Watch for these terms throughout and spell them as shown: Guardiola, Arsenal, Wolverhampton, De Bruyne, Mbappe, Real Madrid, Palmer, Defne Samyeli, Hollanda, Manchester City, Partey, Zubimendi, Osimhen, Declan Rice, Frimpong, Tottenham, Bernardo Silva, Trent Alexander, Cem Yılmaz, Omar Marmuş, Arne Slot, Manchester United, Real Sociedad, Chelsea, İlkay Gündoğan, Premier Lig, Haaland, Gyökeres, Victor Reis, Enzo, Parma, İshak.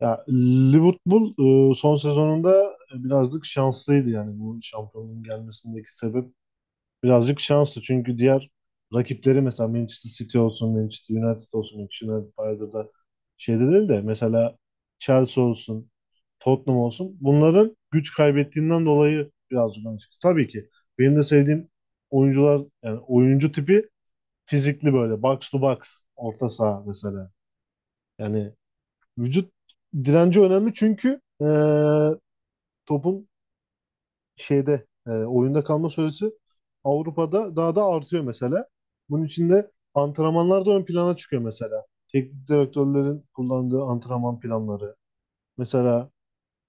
Ya, Liverpool son sezonunda birazcık şanslıydı, yani bu şampiyonluğun gelmesindeki sebep birazcık şanslı, çünkü diğer rakipleri, mesela Manchester City olsun, Manchester United olsun. Manchester United bayağıdır da şeyde değil de, mesela Chelsea olsun, Tottenham olsun, bunların güç kaybettiğinden dolayı birazcık öne çıktı. Tabii ki benim de sevdiğim oyuncular, yani oyuncu tipi, fizikli, böyle box to box orta saha mesela. Yani vücut direnci önemli çünkü topun şeyde, oyunda kalma süresi Avrupa'da daha da artıyor mesela. Bunun için de antrenmanlar da ön plana çıkıyor mesela. Teknik direktörlerin kullandığı antrenman planları. Mesela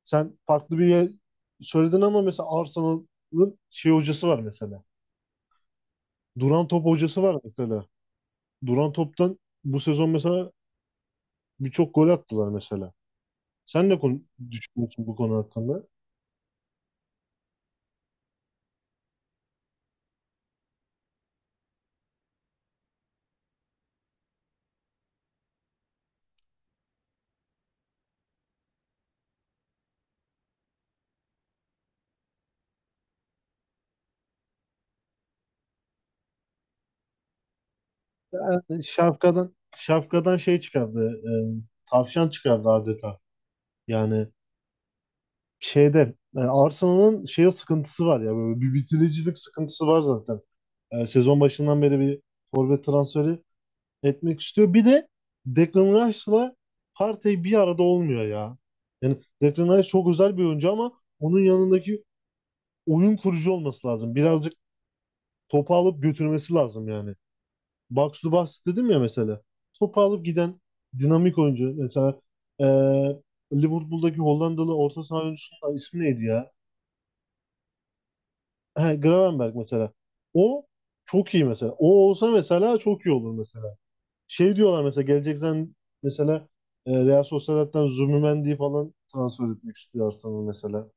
sen farklı bir yer söyledin ama mesela Arsenal'ın şey hocası var mesela. Duran top hocası var mesela. Duran toptan bu sezon mesela birçok gol attılar mesela. Sen ne konu düşünüyorsun bu konu hakkında? Yani şapkadan şey çıkardı. Tavşan çıkardı adeta. Yani şeyde, Arsenal'ın şeye sıkıntısı var ya, böyle bir bitiricilik sıkıntısı var zaten. Sezon başından beri bir forvet transferi etmek istiyor. Bir de Declan Rice'la Partey bir arada olmuyor ya. Yani Declan Rice çok özel bir oyuncu ama onun yanındaki oyun kurucu olması lazım. Birazcık topu alıp götürmesi lazım yani. Bucks to Bucks dedim ya mesela. Topu alıp giden dinamik oyuncu. Mesela e, Liverpool'daki Hollandalı orta saha oyuncusunun ismi neydi ya? He, Gravenberch mesela. O çok iyi mesela. O olsa mesela çok iyi olur mesela. Şey diyorlar mesela, geleceksen mesela, Real Sociedad'dan Zubimendi falan transfer etmek istiyor Arsenal mesela.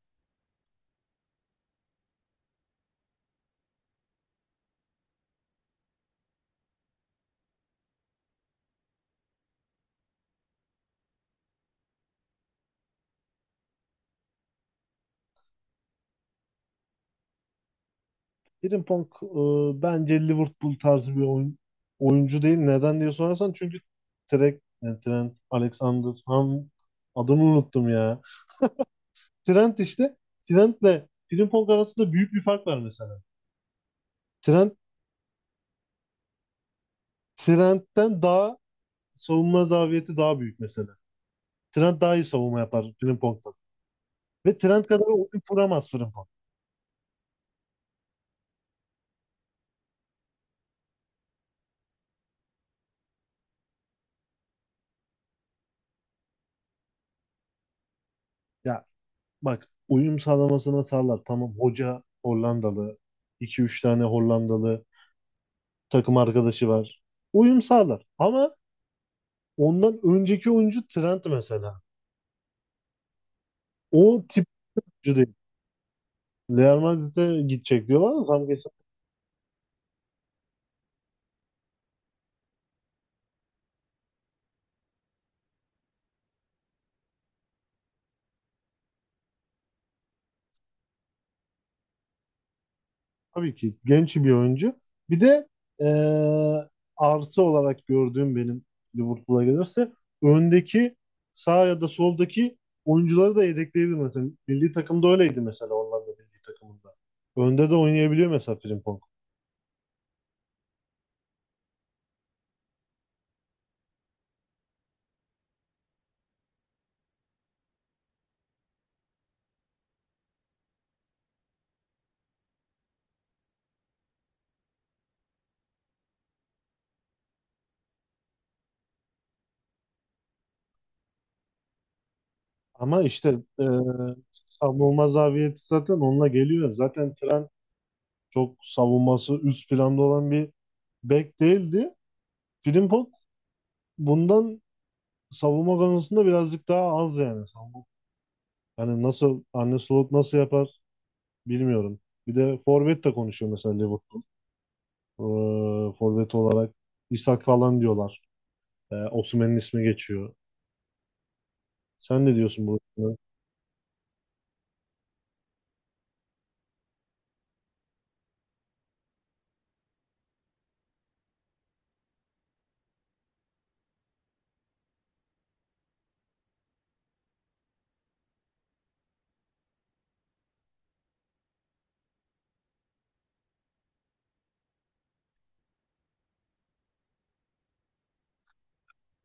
Frimpong, bence Liverpool tarzı bir oyun, oyuncu değil. Neden diye sorarsan, çünkü Trent, yani Trent Alexander ham, adını unuttum ya. Trent işte, Trent'le Frimpong arasında büyük bir fark var mesela. Trent Trent'ten daha savunma zafiyeti daha büyük mesela. Trent daha iyi savunma yapar Frimpong'dan. Ve Trent kadar oyun kuramaz Frimpong. Ya bak, uyum sağlamasına sağlar. Tamam, hoca Hollandalı. İki üç tane Hollandalı takım arkadaşı var. Uyum sağlar. Ama ondan önceki oyuncu Trent mesela. O tip oyuncu değil. Real Madrid'e gidecek diyorlar ama tam kesin, tabii ki genç bir oyuncu. Bir de eee artı olarak gördüğüm, benim Liverpool'a gelirse öndeki sağ ya da soldaki oyuncuları da yedekleyebilir mesela. Milli takımda öyleydi mesela, Hollanda milli takımında. Önde de oynayabiliyor mesela Frimpong. Ama işte savunma zafiyeti zaten onunla geliyor. Zaten Trent çok savunması üst planda olan bir bek değildi. Frimpong bundan savunma konusunda birazcık daha az yani. Savunma- yani Arne Slot nasıl yapar bilmiyorum. Bir de forvet de konuşuyor mesela Liverpool. Forvet olarak İshak falan diyorlar. Osimhen'in ismi geçiyor. Sen ne diyorsun bu konuda?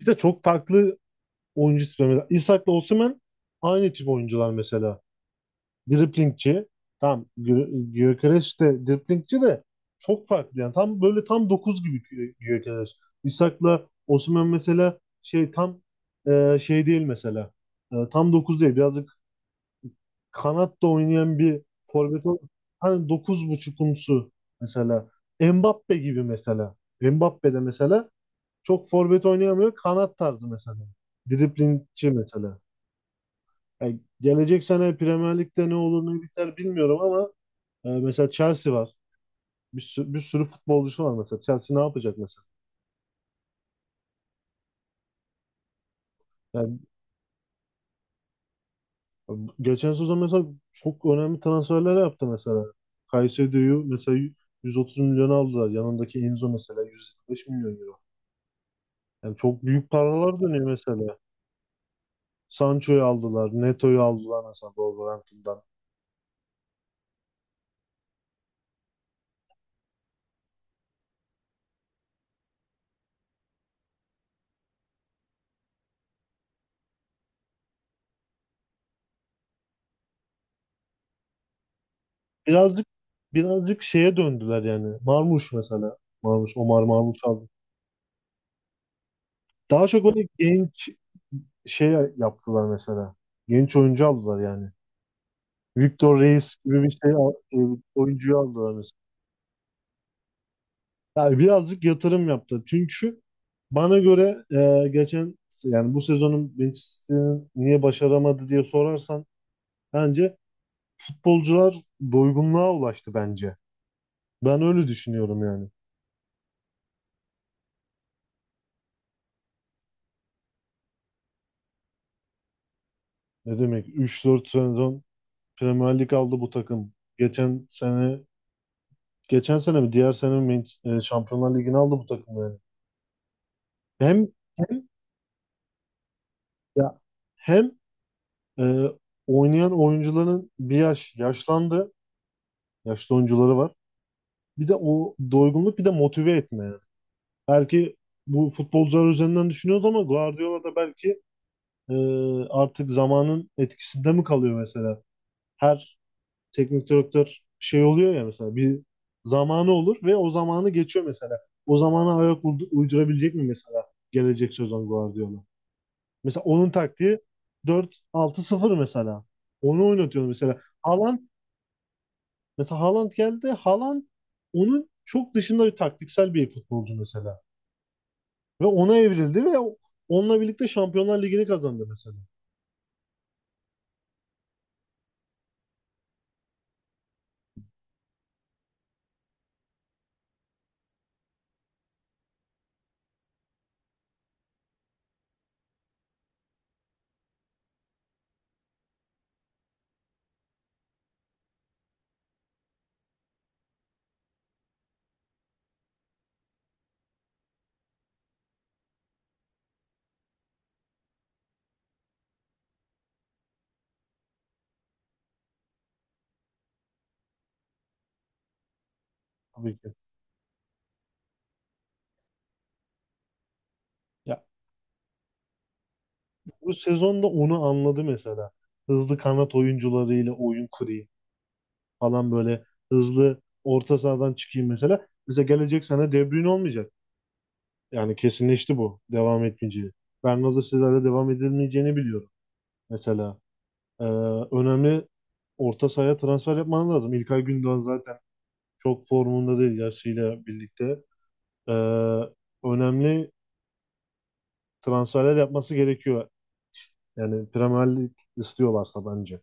Bir de çok farklı oyuncu tipi. Mesela İshak'la Osimhen aynı tip oyuncular mesela. Driplingçi. Tam Gyökeres de driplingçi de çok farklı yani. Tam böyle tam 9 gibi Gyökeres. İshak'la Osimhen mesela şey tam, şey değil mesela. Tam 9 değil. Birazcık kanatta oynayan bir forvet ol. Hani dokuz buçukumsu mesela. Mbappe gibi mesela. Mbappe de mesela çok forvet oynayamıyor. Kanat tarzı mesela. Driplingçi mesela. Yani gelecek sene Premier Lig'de ne olur ne biter bilmiyorum ama mesela Chelsea var. Bir sürü futbolcusu var mesela. Chelsea ne yapacak mesela? Yani geçen sezon mesela çok önemli transferler yaptı mesela. Caicedo'yu mesela 130 milyon aldılar. Yanındaki Enzo mesela 125 milyon euro. Yani çok büyük paralar dönüyor mesela. Sancho'yu aldılar, Neto'yu aldılar mesela Wolverhampton'dan. Birazcık birazcık şeye döndüler yani. Marmuş mesela. Marmuş, Omar Marmuş aldı. Daha çok böyle genç şey yaptılar mesela. Genç oyuncu aldılar yani. Victor Reis gibi bir şey oyuncuyu aldılar mesela. Yani birazcık yatırım yaptı. Çünkü bana göre, geçen yani bu sezonun Manchester'ın niye başaramadı diye sorarsan, bence futbolcular doygunluğa ulaştı bence. Ben öyle düşünüyorum yani. Ne demek, 3-4 sezon Premier Lig aldı bu takım. Geçen sene mi diğer sene mi Man- Şampiyonlar Ligi'ni aldı bu takım yani. Hem hem ya hem Ee, oynayan oyuncuların bir yaş yaşlandı. Yaşlı oyuncuları var. Bir de o doygunluk, bir de motive etme yani. Belki bu futbolcular üzerinden düşünüyoruz ama Guardiola da belki e, artık zamanın etkisinde mi kalıyor mesela? Her teknik direktör şey oluyor ya mesela, bir zamanı olur ve o zamanı geçiyor mesela. O zamana ayak uydurabilecek mi mesela gelecek sezon Guardiola? Mesela onun taktiği 4-6-0 mesela. Onu oynatıyor mesela. Haaland. Mesela Haaland geldi. Haaland onun çok dışında bir taktiksel bir futbolcu mesela. Ve ona evrildi ve onunla birlikte Şampiyonlar Ligi'ni kazandı mesela. Tabii ki. Ya, bu sezonda onu anladı mesela. Hızlı kanat oyuncularıyla oyun kurayım falan, böyle hızlı orta sahadan çıkayım mesela. Mesela gelecek sene De Bruyne olmayacak. Yani kesinleşti bu devam etmeyeceği. Bernardo Silva'yla devam edilmeyeceğini biliyorum mesela. Ee, Önemli orta sahaya transfer yapman lazım. İlkay Gündoğan zaten çok formunda değil yaşıyla birlikte. Ee, Önemli transferler yapması gerekiyor. Yani Premier Lig istiyorlarsa bence.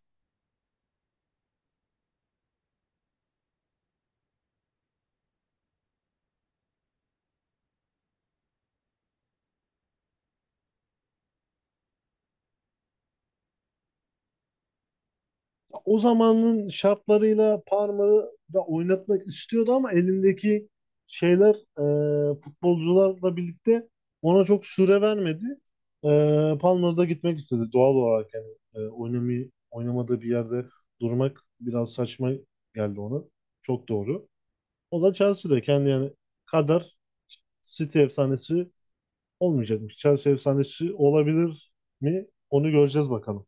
O zamanın şartlarıyla Parma'yı da oynatmak istiyordu ama elindeki şeyler, futbolcularla birlikte ona çok süre vermedi. E, Palmer'da gitmek istedi doğal olarak yani, oynamayı oynamadığı bir yerde durmak biraz saçma geldi ona. Çok doğru. O da Chelsea'deyken kendi yani kadar City efsanesi olmayacakmış. Chelsea efsanesi olabilir mi? Onu göreceğiz bakalım.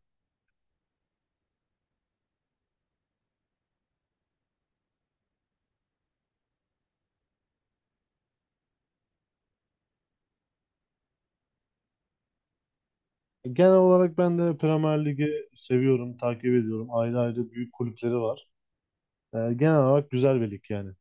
Genel olarak ben de Premier Lig'i seviyorum, takip ediyorum. Ayrı ayrı büyük kulüpleri var. Genel olarak güzel bir lig yani.